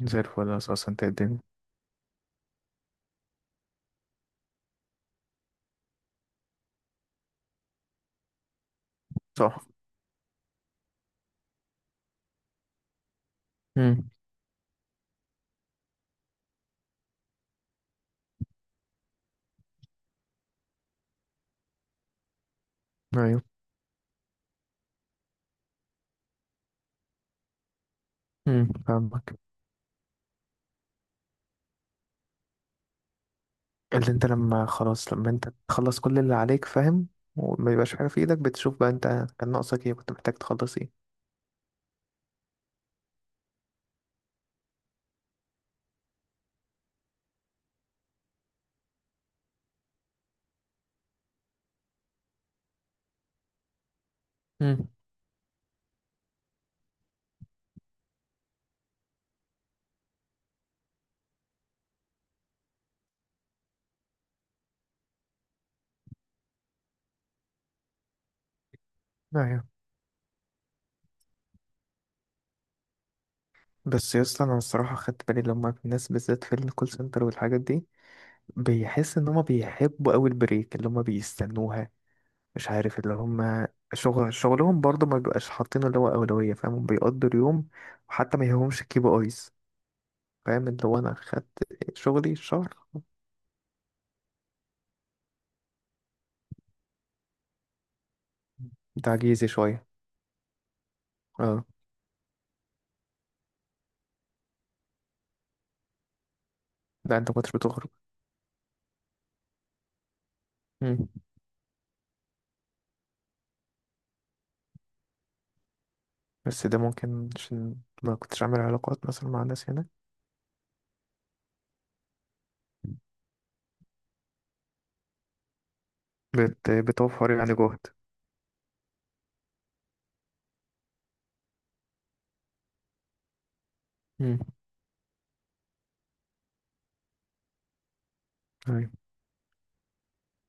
زي الفل، أساسا أنت الدنيا. صح. امم. أيوه. فاهمك. اللي أنت لما خلاص، لما أنت تخلص كل اللي عليك فاهم، وما يبقاش حاجة في إيدك، بتشوف بقى أنت كان ناقصك إيه، كنت محتاج تخلص إيه. امم. أيوه. بس يا اسطى، أنا الصراحة خدت بالي لما الناس بالذات في الكول سنتر والحاجات دي، بيحس إن هما بيحبوا أوي البريك اللي هما بيستنوها. مش عارف، اللي هما شغلهم برضه ما بيبقاش حاطين اللي هو أولوية، فاهم؟ بيقضوا اليوم وحتى ما يهمهمش الكيبي آيز، فاهم؟ اللي هو انا خدت شغلي الشهر، تعجيزي شوية. اه. لا انت مكنتش بتخرج. مم. بس ده ممكن عشان ما كنتش عامل علاقات مثلا مع الناس هنا. بتوفر يعني جهد. مم. أيوة.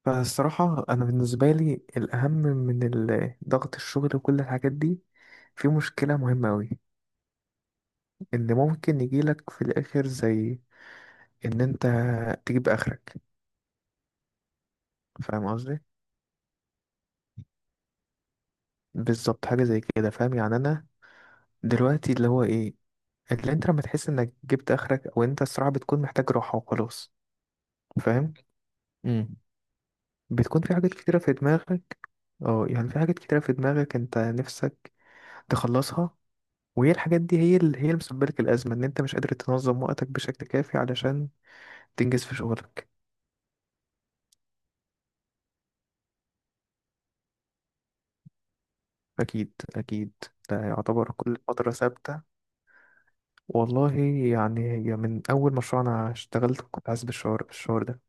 فالصراحة أنا بالنسبة لي، الأهم من ضغط الشغل وكل الحاجات دي، في مشكلة مهمة أوي، إن ممكن يجيلك في الآخر، زي إن أنت تجيب آخرك. فاهم قصدي؟ بالظبط حاجة زي كده، فاهم يعني. أنا دلوقتي اللي هو إيه، اللي انت لما تحس انك جبت اخرك، او انت الصراحه بتكون محتاج راحه وخلاص، فاهم. امم. بتكون في حاجات كتيره في دماغك، اه، يعني في حاجات كتيره في دماغك انت نفسك تخلصها، وهي الحاجات دي هي اللي، هي اللي مسببه لك الازمه، ان انت مش قادر تنظم وقتك بشكل كافي علشان تنجز في شغلك. اكيد، اكيد، ده يعتبر كل فتره ثابته. والله، يعني هي من اول مشروع انا اشتغلت، كنت حاسس بالشعور ده.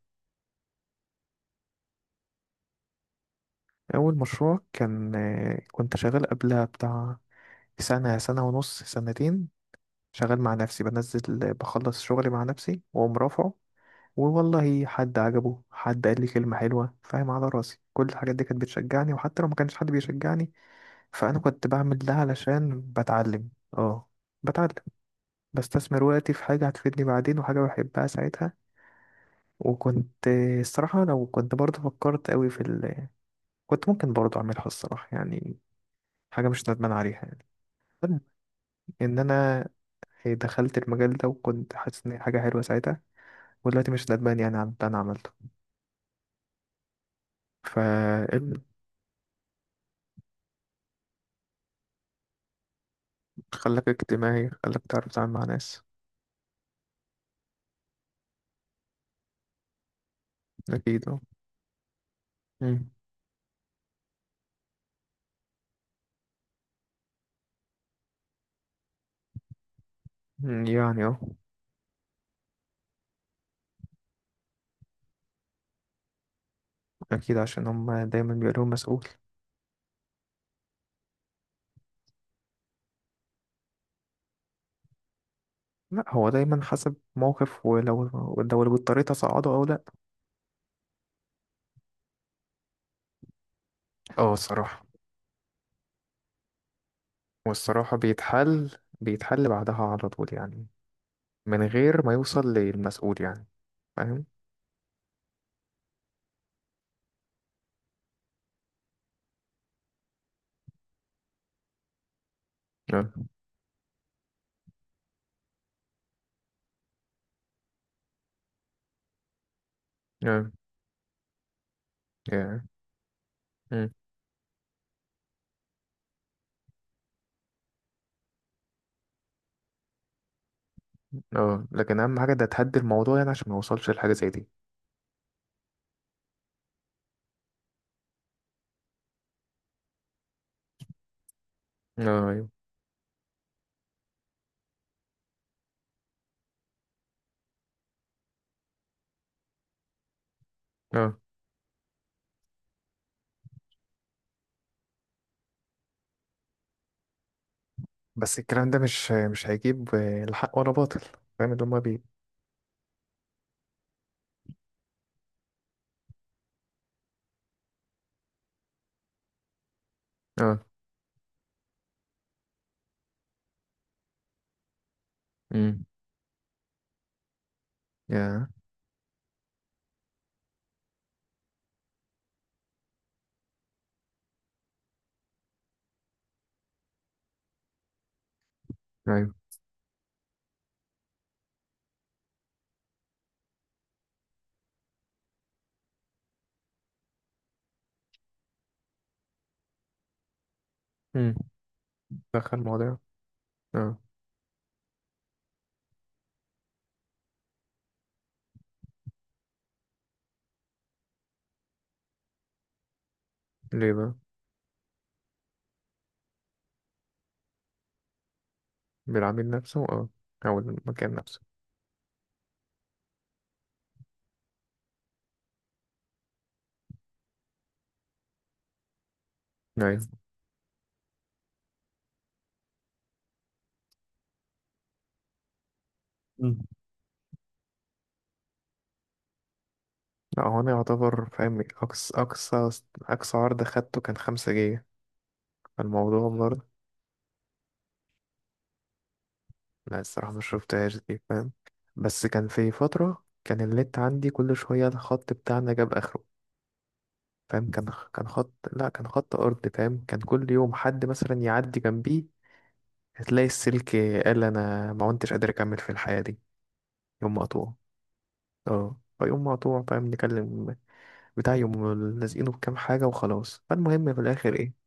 اول مشروع كان كنت شغال قبلها بتاع سنة، سنة ونص، سنتين، شغال مع نفسي، بنزل بخلص شغلي مع نفسي وأقوم رافعه. والله حد عجبه، حد قال لي كلمة حلوة، فاهم، على راسي، كل الحاجات دي كانت بتشجعني، وحتى لو ما كانش حد بيشجعني فأنا كنت بعمل ده علشان بتعلم. اه، بتعلم، بستثمر وقتي في حاجة هتفيدني بعدين، وحاجة بحبها ساعتها. وكنت الصراحة، لو كنت برضه فكرت قوي في كنت ممكن برضه أعملها الصراحة، يعني حاجة مش ندمان عليها يعني. ان انا دخلت المجال ده، وكنت حاسس ان هي حاجه حلوه ساعتها، ودلوقتي مش ندمان يعني عن اللي انا عملته ف خلاك اجتماعي، خلاك تعرف تتعامل مع ناس. اكيد، اه. مم. يعني اه. اكيد عشان هم دايما بيقولوا مسؤول. لا، هو دايما حسب موقف، لو اللي اضطريت اصعده او لا. اه الصراحه. والصراحه بيتحل بعدها على طول يعني، من غير ما يوصل للمسؤول يعني. فاهم؟ yeah. yeah. yeah. اه، لكن اهم حاجه ده تهدي الموضوع يعني، عشان ما يوصلش لحاجه زي دي. اه، ايوه. اه بس الكلام ده مش هيجيب لا حق ولا باطل. فاهم اللي هما. اه. امم. يا ايوه. امم. دخل المواضيع. اه. ليه بقى؟ بالعميل نفسه، اه. او المكان نفسه. ايوه. امم. لا، هو انا يعتبر فاهم، اقصى عرض خدته كان 5 جيجا. فالموضوع برضه، لا، الصراحة ما شفتهاش دي، فاهم. بس كان في فترة كان النت عندي كل شوية الخط بتاعنا جاب اخره، فاهم، كان خط، لا، كان خط ارض، فاهم، كان كل يوم حد مثلا يعدي جنبيه هتلاقي السلك، قال انا ما كنتش قادر اكمل في الحياة دي. يوم مقطوع، اه، فيقوم مقطوع، فاهم، نكلم بتاع يوم، لازقينه بكام حاجة وخلاص. فالمهم في الاخر ايه،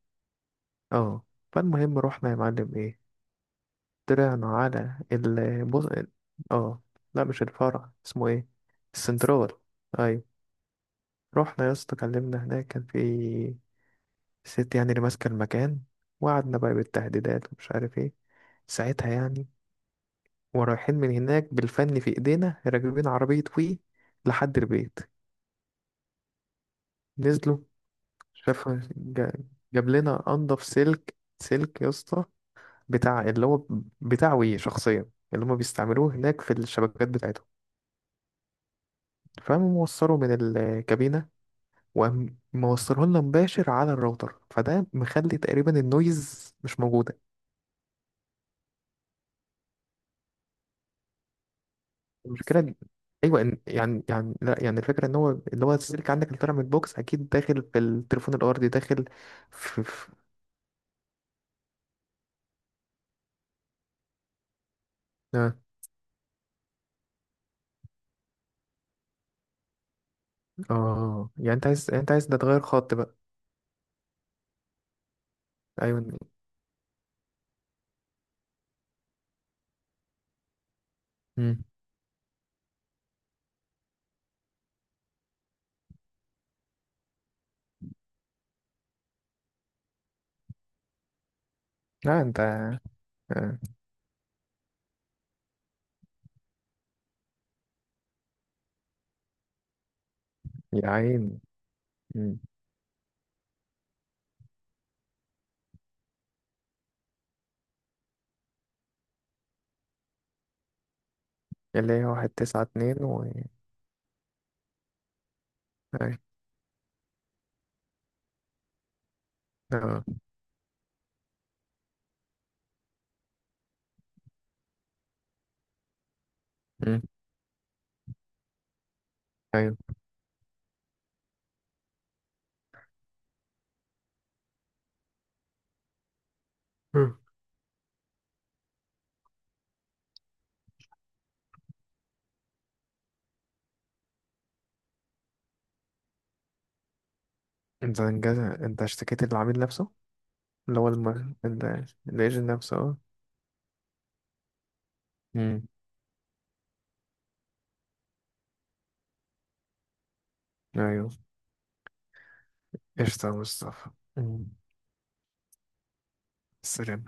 اه، فالمهم رحنا يا معلم، ايه، طلعنا على البص. اه. لا، مش الفرع، اسمه ايه؟ السنترال. ايوه. رحنا يا اسطى كلمنا هناك، كان في الست يعني اللي ماسكة المكان، وقعدنا بقى بالتهديدات ومش عارف ايه ساعتها يعني. ورايحين من هناك بالفن في ايدينا، راكبين عربية وي لحد البيت، نزلوا، شاف، جا- جاب لنا انضف سلك، سلك يا اسطى، بتاع اللي هو بتاع وي شخصيا اللي هما بيستعملوه هناك في الشبكات بتاعتهم. فقام موصله من الكابينة، وقام موصله لنا مباشر على الراوتر، فده مخلي تقريبا النويز مش موجود. المشكله، ايوه، إن يعني لا، يعني الفكره ان هو اللي هو السلك عندك اللي طالع من البوكس اكيد داخل في التليفون الارضي، داخل في, في... اه. اه، يعني انت عايز ده تغير خط بقى. ايوه. امم. لا انت. آه. يا عيني. مم. اللي هي 192 . ايوه. اه. مم. ايوه. مم. انت انجاز، انت اشتكيت العميل نفسه؟ اللي هو الايجنت نفسه، اه. مم. ايوه. قشطة يا مصطفى. مم. سلام.